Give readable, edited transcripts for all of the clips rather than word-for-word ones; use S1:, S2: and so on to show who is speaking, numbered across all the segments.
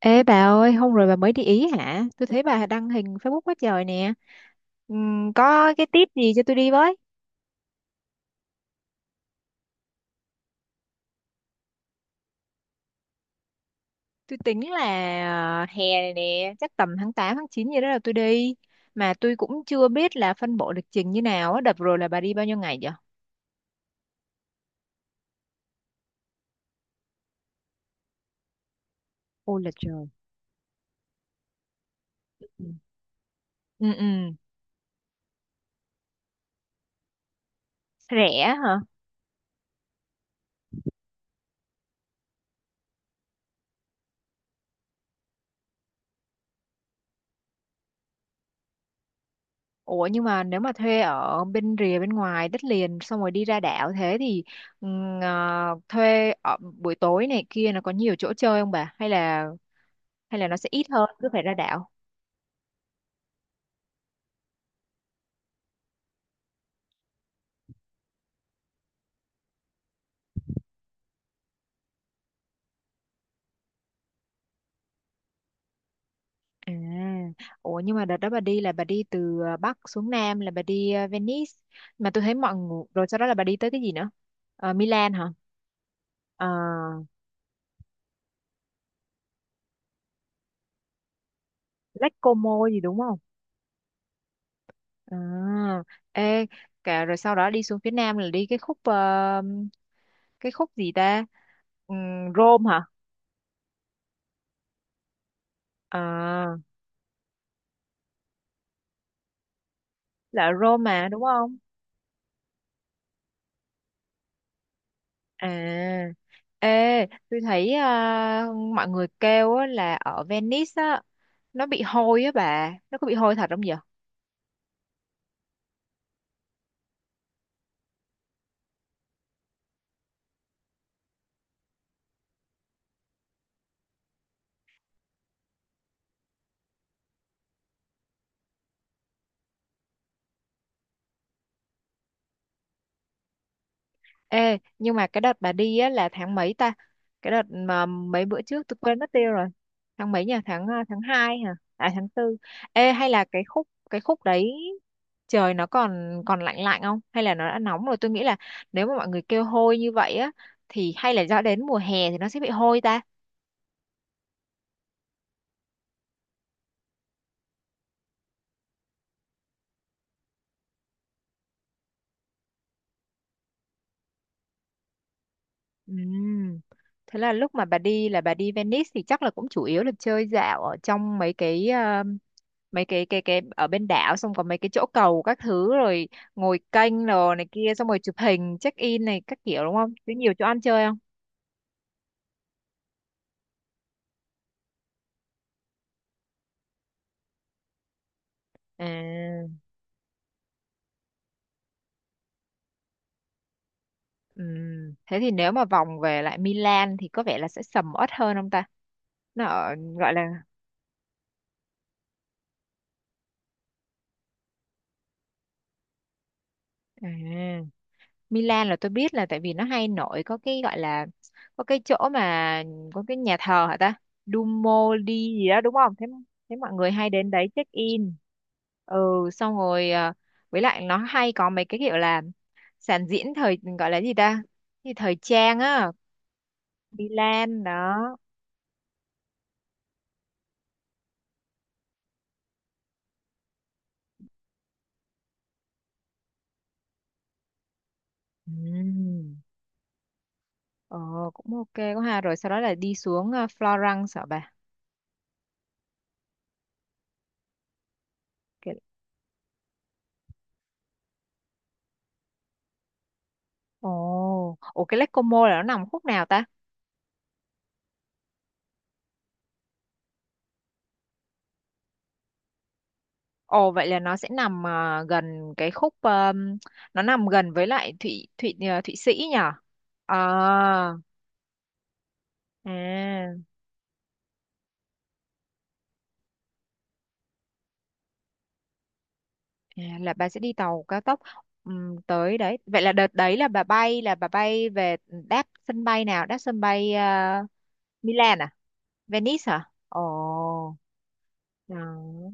S1: Ê bà ơi, hôm rồi bà mới đi Ý hả? Tôi thấy bà đăng hình Facebook quá trời nè. Có cái tip gì cho tôi đi với? Tôi tính là hè này nè, chắc tầm tháng 8, tháng 9 gì đó là tôi đi. Mà tôi cũng chưa biết là phân bổ lịch trình như nào á. Đợt rồi là bà đi bao nhiêu ngày vậy? Ôi là trời. Ừ. Ừ, ừ. Rẻ hả? Ủa nhưng mà nếu mà thuê ở bên rìa bên ngoài đất liền xong rồi đi ra đảo thế thì thuê ở buổi tối này kia nó có nhiều chỗ chơi không bà? Hay là nó sẽ ít hơn cứ phải ra đảo. à Ủa nhưng mà đợt đó bà đi là bà đi từ Bắc xuống Nam là Venice mà tôi thấy mọi người, rồi sau đó là bà đi tới cái gì nữa? Milan hả? Ờ, Lake Como gì đúng không? À ê Cả rồi sau đó đi xuống phía Nam là đi cái khúc gì ta? Ừm, Rome hả? à là Rome mà đúng không? À, ê, tôi thấy mọi người kêu á, là ở Venice á, nó bị hôi á bà, nó có bị hôi thật không vậy? Ê, nhưng mà cái đợt bà đi á là tháng mấy ta? Cái đợt mà mấy bữa trước tôi quên mất tiêu rồi. Tháng mấy nhỉ? Tháng 2 hả? À, tháng 4. Ê, hay là cái khúc đấy trời nó còn còn lạnh lạnh không? Hay là nó đã nóng rồi? Tôi nghĩ là nếu mà mọi người kêu hôi như vậy á thì hay là do đến mùa hè thì nó sẽ bị hôi ta. Ừm, Thế là lúc mà bà đi là bà đi Venice thì chắc là cũng chủ yếu là chơi dạo ở trong mấy cái ở bên đảo, xong có mấy cái chỗ cầu các thứ rồi ngồi kênh rồi này kia xong rồi chụp hình check in này các kiểu đúng không? Có nhiều chỗ ăn chơi không? À, thế thì nếu mà vòng về lại Milan thì có vẻ là sẽ sầm uất hơn không ta? Nó ở, gọi là à, Milan là tôi biết, là tại vì nó hay nổi có cái gọi là có cái chỗ mà có cái nhà thờ hả ta? Duomo đi gì đó đúng không thế? Thế mọi người hay đến đấy check in, ừ, xong rồi với lại nó hay có mấy cái kiểu là sản diễn thời gọi là gì ta, thì thời trang á, Milan đó. Ừm. Ờ, cũng ok quá ha, rồi sau đó là đi xuống Florence hả bà? Cái- ồ ồ, cái Lake Como là nó nằm khúc nào ta? Ồ, vậy là nó sẽ nằm gần cái khúc, nó nằm gần với lại Thụy Thụy à, Thụy Sĩ nhỉ? À, à là bà sẽ đi tàu cao tốc tới đấy. Vậy là đợt đấy là bà bay về đáp sân bay nào? Đáp sân bay Milan à? Venice hả? Ồ. Đó.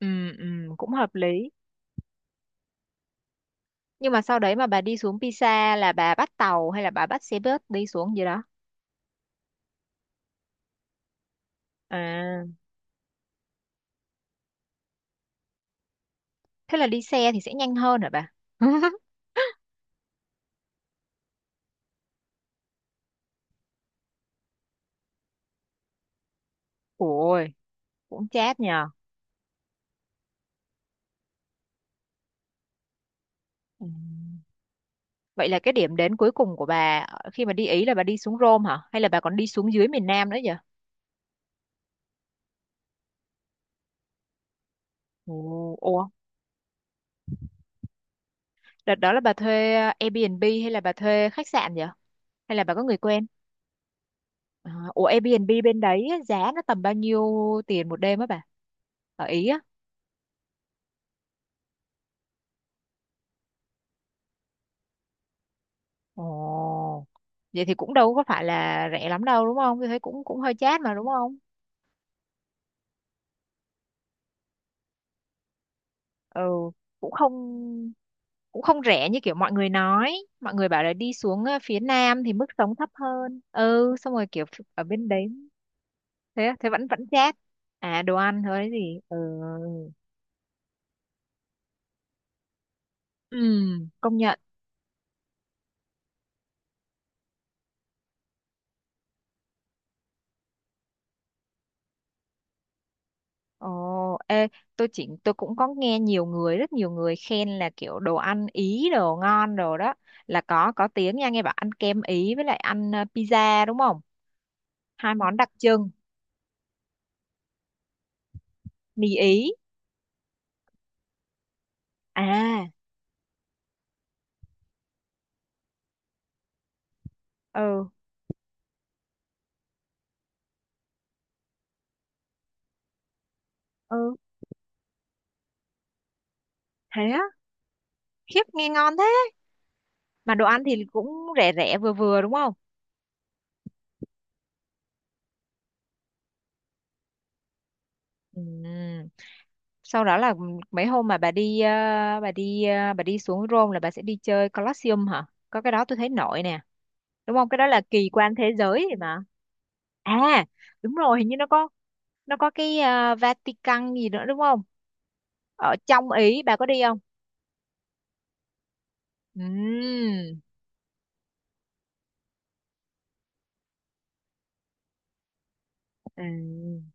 S1: Cũng hợp lý. Nhưng mà sau đấy mà bà đi xuống Pisa là bà bắt tàu hay là bà bắt xe bus đi xuống gì đó? À, thế là đi xe thì sẽ nhanh hơn hả bà? Ôi, cũng chát nhờ. Ừ. Vậy là cái điểm đến cuối cùng của bà khi mà đi Ý là bà đi xuống Rome hả? Hay là bà còn đi xuống dưới miền Nam nữa vậy? Ồ, ồ. Đợt đó là bà thuê Airbnb hay là bà thuê khách sạn vậy? Hay là bà có người quen? À, ủa Airbnb bên đấy á, giá nó tầm bao nhiêu tiền một đêm á bà? Ở Ý á? Ồ. Vậy thì cũng đâu có phải là rẻ lắm đâu đúng không? Tôi thấy cũng cũng hơi chát mà đúng không? Ừ, cũng không cũng không rẻ như kiểu mọi người nói. Mọi người bảo là đi xuống phía nam thì mức sống thấp hơn, ừ, xong rồi kiểu ở bên đấy. Thế á, thế vẫn vẫn chát. À, đồ ăn thôi gì? Ừ Ừ. Công nhận. Ồ, ê, tôi cũng có nghe nhiều người rất nhiều người khen là kiểu đồ ăn Ý đồ ngon đồ đó, là có tiếng nha, nghe bảo ăn kem Ý với lại ăn pizza đúng không, hai món đặc trưng, mì Ý. à ừ, ừ, thế á, khiếp nghe ngon. Mà đồ ăn thì cũng rẻ rẻ vừa vừa đúng không? Ừm. Sau đó là mấy hôm mà bà đi xuống Rome là bà sẽ đi chơi Colosseum hả, có cái đó tôi thấy nổi nè đúng không, cái đó là kỳ quan thế giới thì mà. à Đúng rồi, hình như nó có cái Vatican gì nữa đúng không? Ở trong Ý bà có đi không? Ừm. Ừm.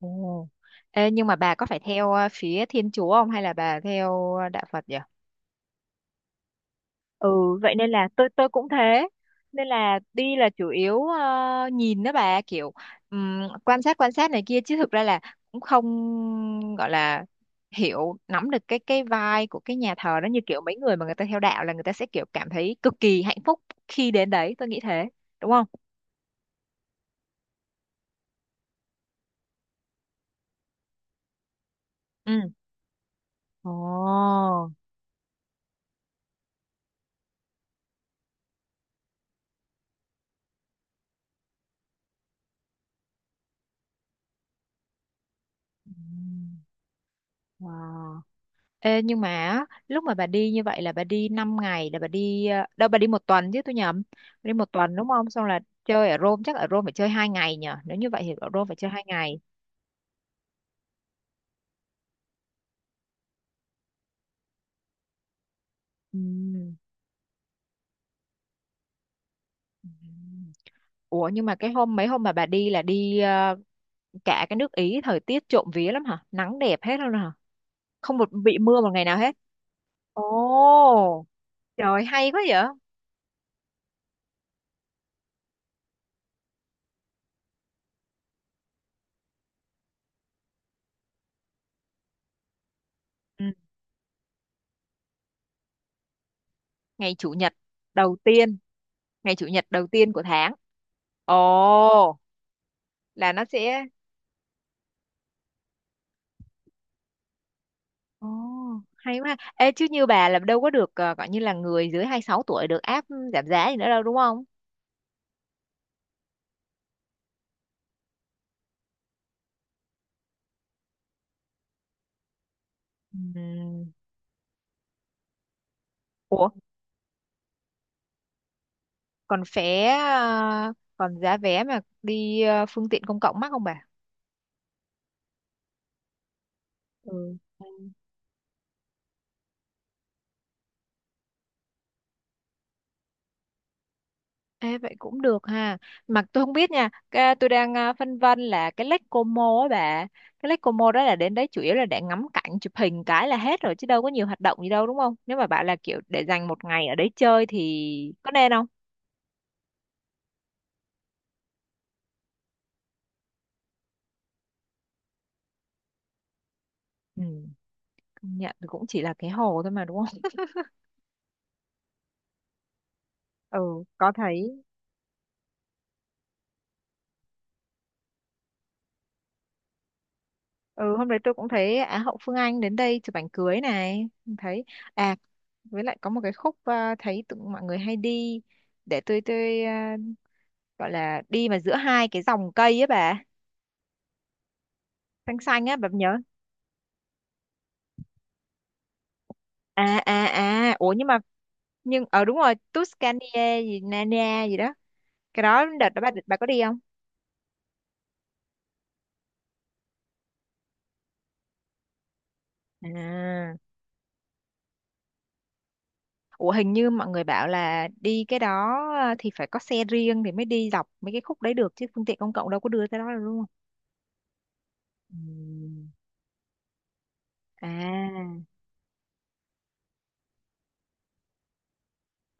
S1: Ồ. Ê, nhưng mà bà có phải theo phía Thiên Chúa không, hay là bà theo Đạo Phật vậy? Ừ, vậy nên là tôi cũng thế, nên là đi là chủ yếu nhìn đó bà, kiểu, quan sát này kia chứ thực ra là cũng không gọi là hiểu nắm được cái vibe của cái nhà thờ đó, như kiểu mấy người mà người ta theo đạo là người ta sẽ kiểu cảm thấy cực kỳ hạnh phúc khi đến đấy, tôi nghĩ thế đúng không. Ừ. Ồ. Oh. Wow. Ê, nhưng mà á, lúc mà bà đi như vậy là bà đi 5 ngày, là bà đi đâu, bà đi một tuần chứ tôi nhầm. Bà đi một tuần đúng không, xong là chơi ở Rome chắc, ở Rome phải chơi 2 ngày nhở, nếu như vậy thì ở Rome phải chơi hai ngày. Ừm. Ừm. Ủa nhưng mà cái hôm mấy hôm mà bà đi là đi cả cái nước Ý thời tiết trộm vía lắm hả, nắng đẹp hết luôn hả, không một bị mưa một ngày nào hết. Ồ, trời hay quá vậy. Ừ. ngày chủ nhật đầu tiên Ngày chủ nhật đầu tiên của tháng. Ồ, là nó sẽ. Ồ, hay quá. Ha. Ê, chứ như bà là đâu có được gọi như là người dưới 26 tuổi được áp giảm giá gì nữa đâu đúng không? Ừm. Ủa, còn giá vé mà đi phương tiện công cộng mắc không bà? Ừ. Ê, vậy cũng được ha. Mà tôi không biết nha, tôi đang phân vân là cái Lake Como á bà. Cái Lake Como đó là đến đấy chủ yếu là để ngắm cảnh, chụp hình cái là hết rồi chứ đâu có nhiều hoạt động gì đâu đúng không? Nếu mà bảo là kiểu để dành một ngày ở đấy chơi thì có nên không? Ừ. Công nhận thì cũng chỉ là cái hồ thôi mà đúng không? Ừ, có thấy. Ừ, hôm đấy tôi cũng thấy Á hậu Phương Anh đến đây chụp ảnh cưới này. Cũng thấy. À, với lại có một cái khúc thấy tụi mọi người hay đi. Để tôi gọi là đi mà giữa hai cái dòng cây ấy bà. Xanh xanh á, bà nhớ. À, à, à. Ủa nhưng mà, nhưng, ờ đúng rồi. Tuscany gì, Nania gì đó. Cái đó đợt đó bà có đi không? À. Ủa hình như mọi người bảo là đi cái đó thì phải có xe riêng thì mới đi dọc mấy cái khúc đấy được chứ phương tiện công cộng đâu có đưa tới đó được đúng không? Ừm. À,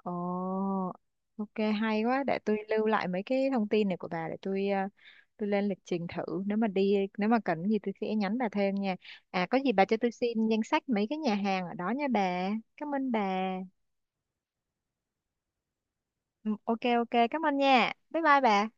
S1: ồ, ok, hay quá. Để tôi lưu lại mấy cái thông tin này của bà để tôi lên lịch trình thử. Nếu mà cần gì tôi sẽ nhắn bà thêm nha. À, có gì bà cho tôi xin danh sách mấy cái nhà hàng ở đó nha bà. Cảm ơn bà. Ừ, Ok ok cảm ơn nha. Bye bye bà.